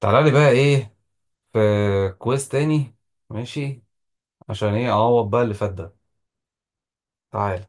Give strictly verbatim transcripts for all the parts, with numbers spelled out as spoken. تعالى لي بقى ايه؟ في. كويس. تاني. ماشي. عشان ايه اعوض بقى اللي فات ده؟ تعالى.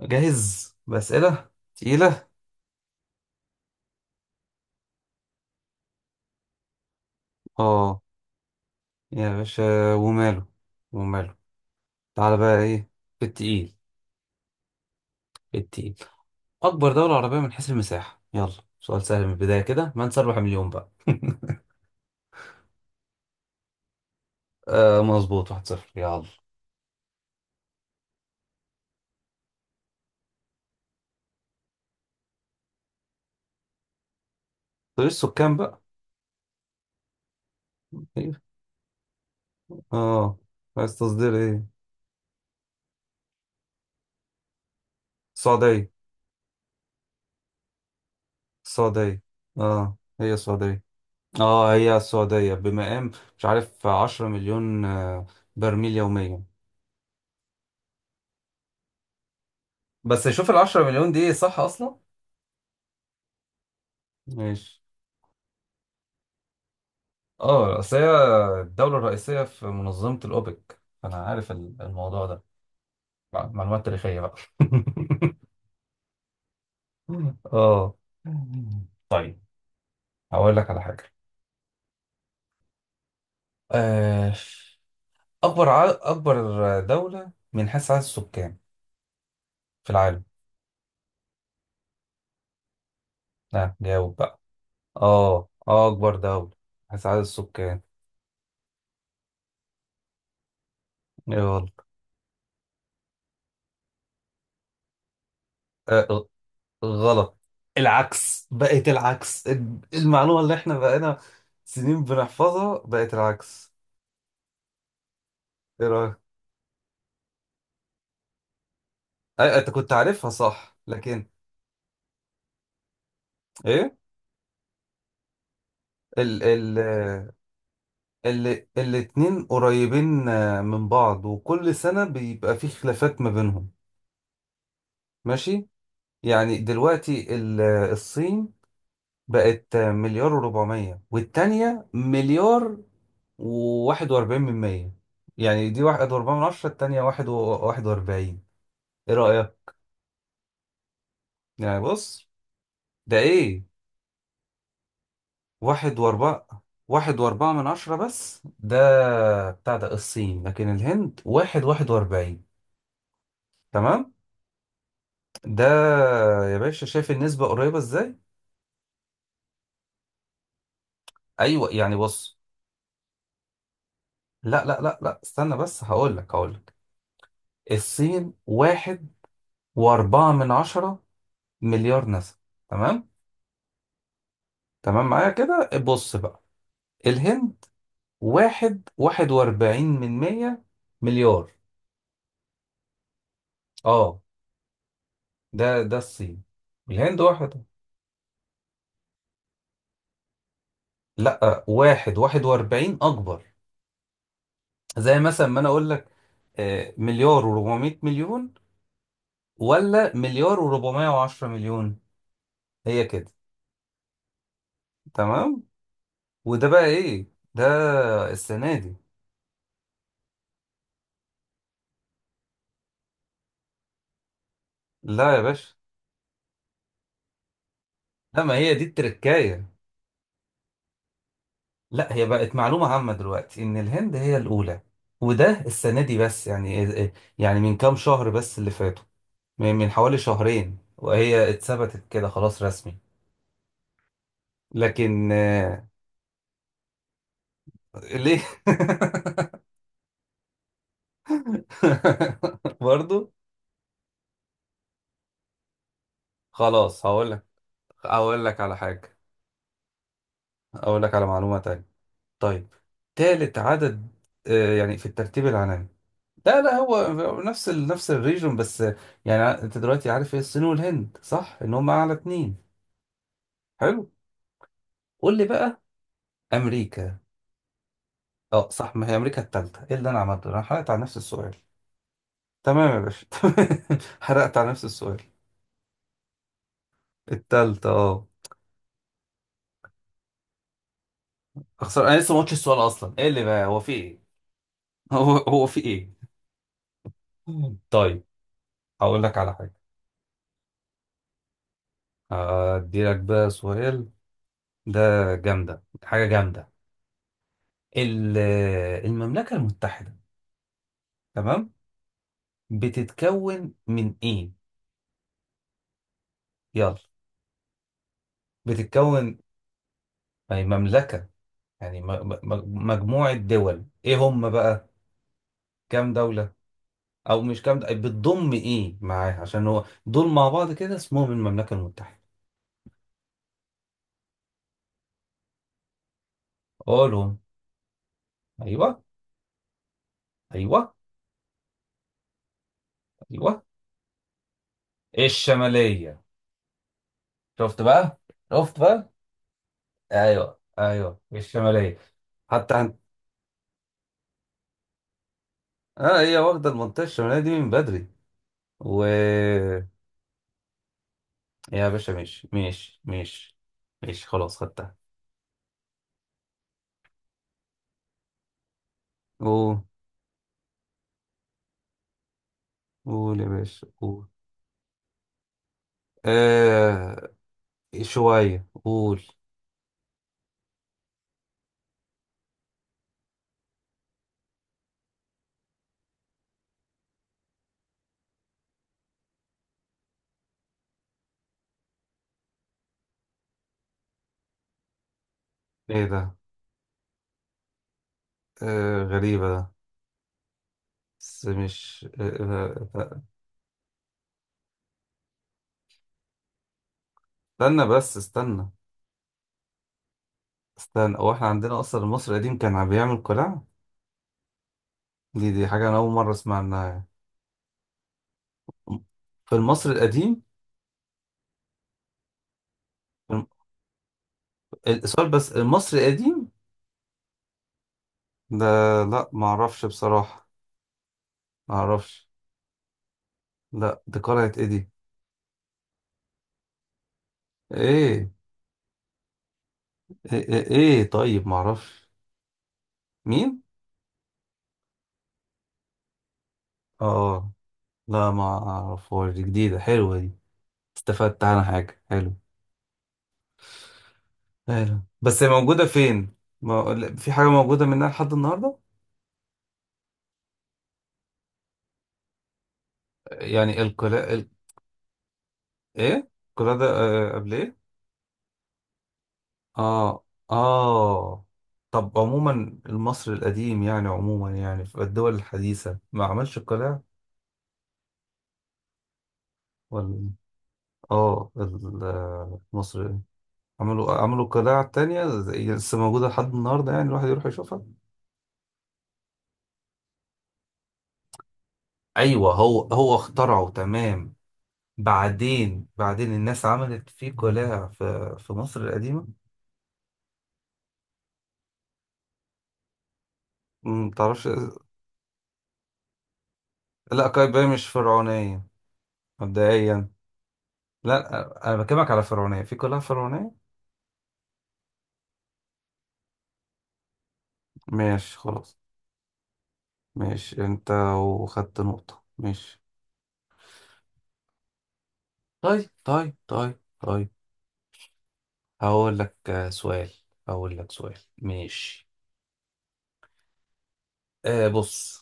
جاهز بأسئلة تقيلة. اه يا باشا، وماله وماله. تعالى بقى ايه في التقيل؟ التقيل، اكبر دولة عربية من حيث المساحة؟ يلا، سؤال سهل من البداية كده من سيربح مليون بقى. آه مظبوط، واحد صفر. يلا، طيب السكان بقى. اه، عايز تصدير ايه؟ السعودية، السعودية. اه هي السعودية. اه هي السعودية بمقام، مش عارف عشرة مليون آه، برميل يوميا. بس شوف العشرة مليون دي صح أصلا؟ ماشي. اه اصل هي الدولة الرئيسية في منظمة الأوبك، فأنا عارف ال- الموضوع ده. معلومات تاريخية بقى. اه، طيب، هقول لك على حاجة. آه، أكبر ع... أكبر دولة من حيث عدد السكان في العالم؟ ها، جاوب بقى. اه اه، أكبر دولة من حيث عدد السكان، يلا. آه، غلط، العكس، بقت العكس. المعلومة اللي احنا بقينا سنين بنحفظها بقت العكس. ايه رأيك؟ أي- انت كنت عارفها صح، لكن ايه؟ ال ال ال الاتنين قريبين آه، من بعض، وكل سنة بيبقى في خلافات ما بينهم. ماشي. يعني دلوقتي ال- الصين بقت آه، مليار وربعمية، والتانية مليار وواحد وأربعين من مية. يعني دي واحد وأربعين من عشرة، التانية واحد وواحد وأربعين. ايه رأيك؟ يعني بص، ده ايه؟ واحد واربعة. واحد واربعة من عشرة، بس ده بتاع ده الصين، لكن الهند واحد واحد واربعين. تمام. ده يا باشا، شايف النسبة قريبة ازاي؟ ايوه، يعني بص. لا لا لا لا، استنى بس، هقولك هقولك الصين واحد واربعة من عشرة مليار نسمة، تمام؟ تمام معايا كده، بص بقى، الهند واحد واحد واربعين من مية مليار. اه، ده ده الصين، الهند واحدة. لا، واحد واحد واربعين أكبر. زي مثلا ما أنا أقول لك آه، مليار وربعمية مليون، ولا مليار وربعمية وعشرة مليون. هي كده. تمام. وده بقى إيه؟ ده السنة دي. لا يا باشا، لا ما هي دي التركاية. لا، هي بقت معلومة عامة دلوقتي إن الهند هي الأولى، وده السنة دي بس، يعني آه، آه، يعني من كام شهر بس اللي فاتوا، من من حوالي شهرين، وهي اتثبتت كده خلاص رسمي. لكن آه، ليه؟ برضو. خلاص هقول لك، هقول لك على حاجة، هقول لك على معلومة تانية. طيب، تالت عدد آه، يعني في الترتيب العالمي. لا لا، هو نفس ال... نفس الريجون، بس آه، يعني انت دلوقتي عارف ايه الصين والهند، صح ان هم اعلى اتنين. حلو، قول لي بقى. امريكا. اه صح، ما هي امريكا التالتة. ايه اللي انا عملته؟ انا حرقت على نفس السؤال. تمام يا باشا، تمام، حرقت على نفس السؤال. التالتة، اه. اخسر؟ انا لسه ما قلتش السؤال اصلا، ايه اللي بقى هو في ايه؟ هو هو في ايه؟ طيب، هقول لك على حاجه. ادي لك بقى سؤال، ده جامده، حاجه جامده. ال- المملكه المتحده، تمام، بتتكون من ايه؟ يلا، بتتكون، يعني مملكه، يعني م- م- م- مجموعه دول، ايه هم بقى؟ كام دوله؟ او مش كام دوله، بتضم ايه معاها؟ عشان هو دول مع بعض كده اسمهم المملكه المتحده. قولهم. ايوه. ايوه. ايوه. الشمالية. شفت بقى، شفت بقى. ايوه ايوه، الشمالية. حتى عن... اه، هي واخدة المنطقة الشمالية دي من بدري. و، يا باشا ماشي ماشي ماشي، ماشي خلاص، خدتها. قول، قول يا باشا، قول. آه، شوية، قول. ايه ده؟ آه، غريبة ده، بس مش آه آه، آه. استنى بس، استنى. استنى، هو احنا عندنا اصلا المصري القديم كان عم بيعمل قلاع؟ دي دي حاجة انا اول مرة اسمع عنها في المصري القديم. السؤال بس المصري القديم ده؟ لا ما اعرفش بصراحة، ما اعرفش. لا، دي قلعة ايه دي؟ ايه ايه ايه, إيه؟ طيب ما اعرفش. مين؟ اه، لا ما اعرفهاش، دي جديدة، حلوة دي، استفدت عنها حاجة، حلو. حلو، بس هي موجودة فين؟ ما... لا، في حاجة موجودة منها لحد النهاردة؟ يعني القلاع ال... ايه القلاع ده؟ آه، قبل ايه؟ اه. اه. طب عموما مصر القديم، يعني عموما يعني في الدول الحديثة ما عملش قلاع ولا إيه؟ اه، ال- مصر عملوا، عملوا قلاع تانية زي لسه موجودة لحد النهاردة، يعني الواحد يروح يشوفها. ايوه، هو هو اخترعه، تمام، بعدين، بعدين الناس عملت فيه قلاع، في في مصر القديمة. ما تعرفش. لا، قايتباي مش فرعونية مبدئيا. لا انا بكلمك على فرعونية، في قلاع فرعونية. ماشي خلاص. ماشي انت، وخدت نقطة، ماشي. طيب طيب طيب طيب. هقول لك آه، سؤال. هقول لك سؤال، ماشي. آه، بص.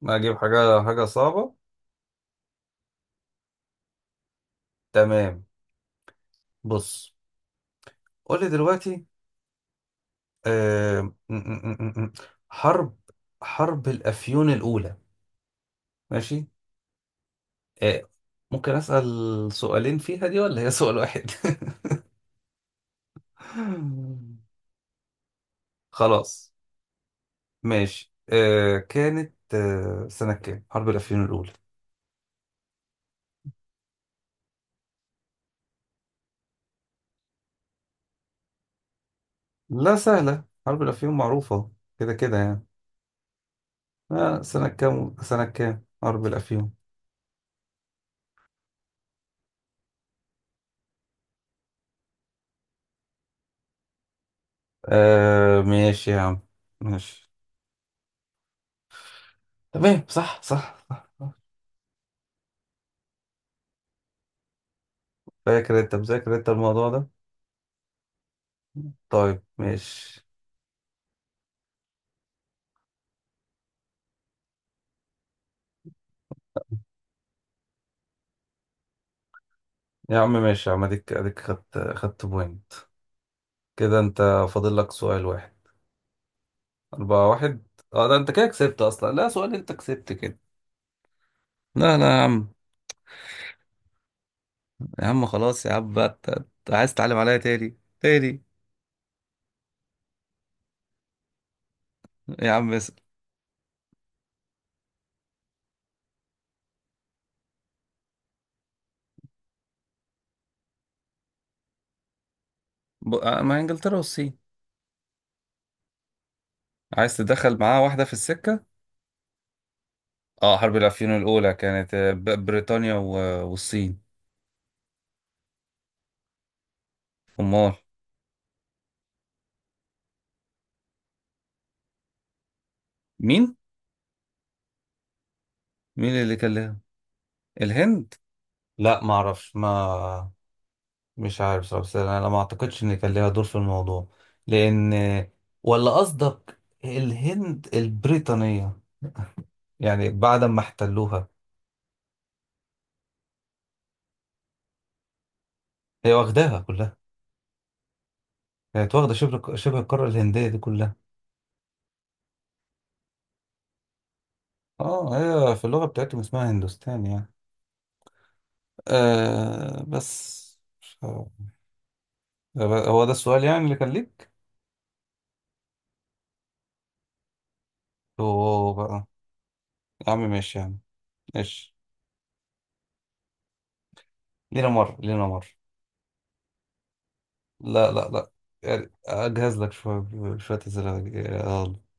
ما اجيب حاجة، حاجة صعبة، تمام. بص، قول لي دلوقتي، آه م- م- م- م- حرب، حرب الأفيون الأولى، ماشي. آه، ممكن أسأل سؤالين فيها دي، ولا هي سؤال واحد؟ خلاص، ماشي. آه، كانت آه سنة كام حرب الأفيون الأولى؟ لا سهلة، حرب الأفيون معروفة كده كده يعني. آه سنة كام، سنة كام حرب الأفيون؟ آه، ماشي يا عم، ماشي. تمام، صح صح صح. فاكر، أنت مذاكر أنت الموضوع ده. طيب، ماشي. يا عم ماشي، يا عم أديك، أديك خدت، خدت بوينت كده أنت. فاضل لك سؤال واحد. أربعة واحد، أه. ده أنت كده كسبت أصلا، لا سؤال، أنت كسبت كده. لا لا يا عم. يا عم خلاص، يا عم بقى، أنت، أنت عايز تتعلم عليا تاني تاني؟ يا عم اسأل. ب- مع إنجلترا والصين. عايز تدخل معاه واحدة في السكة. اه، حرب العفيون الأولى كانت آه، ب- بريطانيا و- والصين. أمال. مين مين اللي كان؟ الهند؟ لا ما اعرفش، ما مش عارف صراحة، بس انا ما اعتقدش ان كان ليها دور في الموضوع، لان، ولا قصدك الهند البريطانية يعني بعد ما احتلوها؟ هي واخداها كلها، كانت واخدة شبه شبه القارة الهندية دي كلها. اه، هي في اللغة بتاعتهم اسمها هندوستان، يعني آه بس. هو ده السؤال يعني اللي كان ليك. هو بقى، يا عم ماشي، يا عم ماشي. لينا مرة، لينا مرة. لا لا لا، يعني أجهز لك شوية، شوية أسئلة.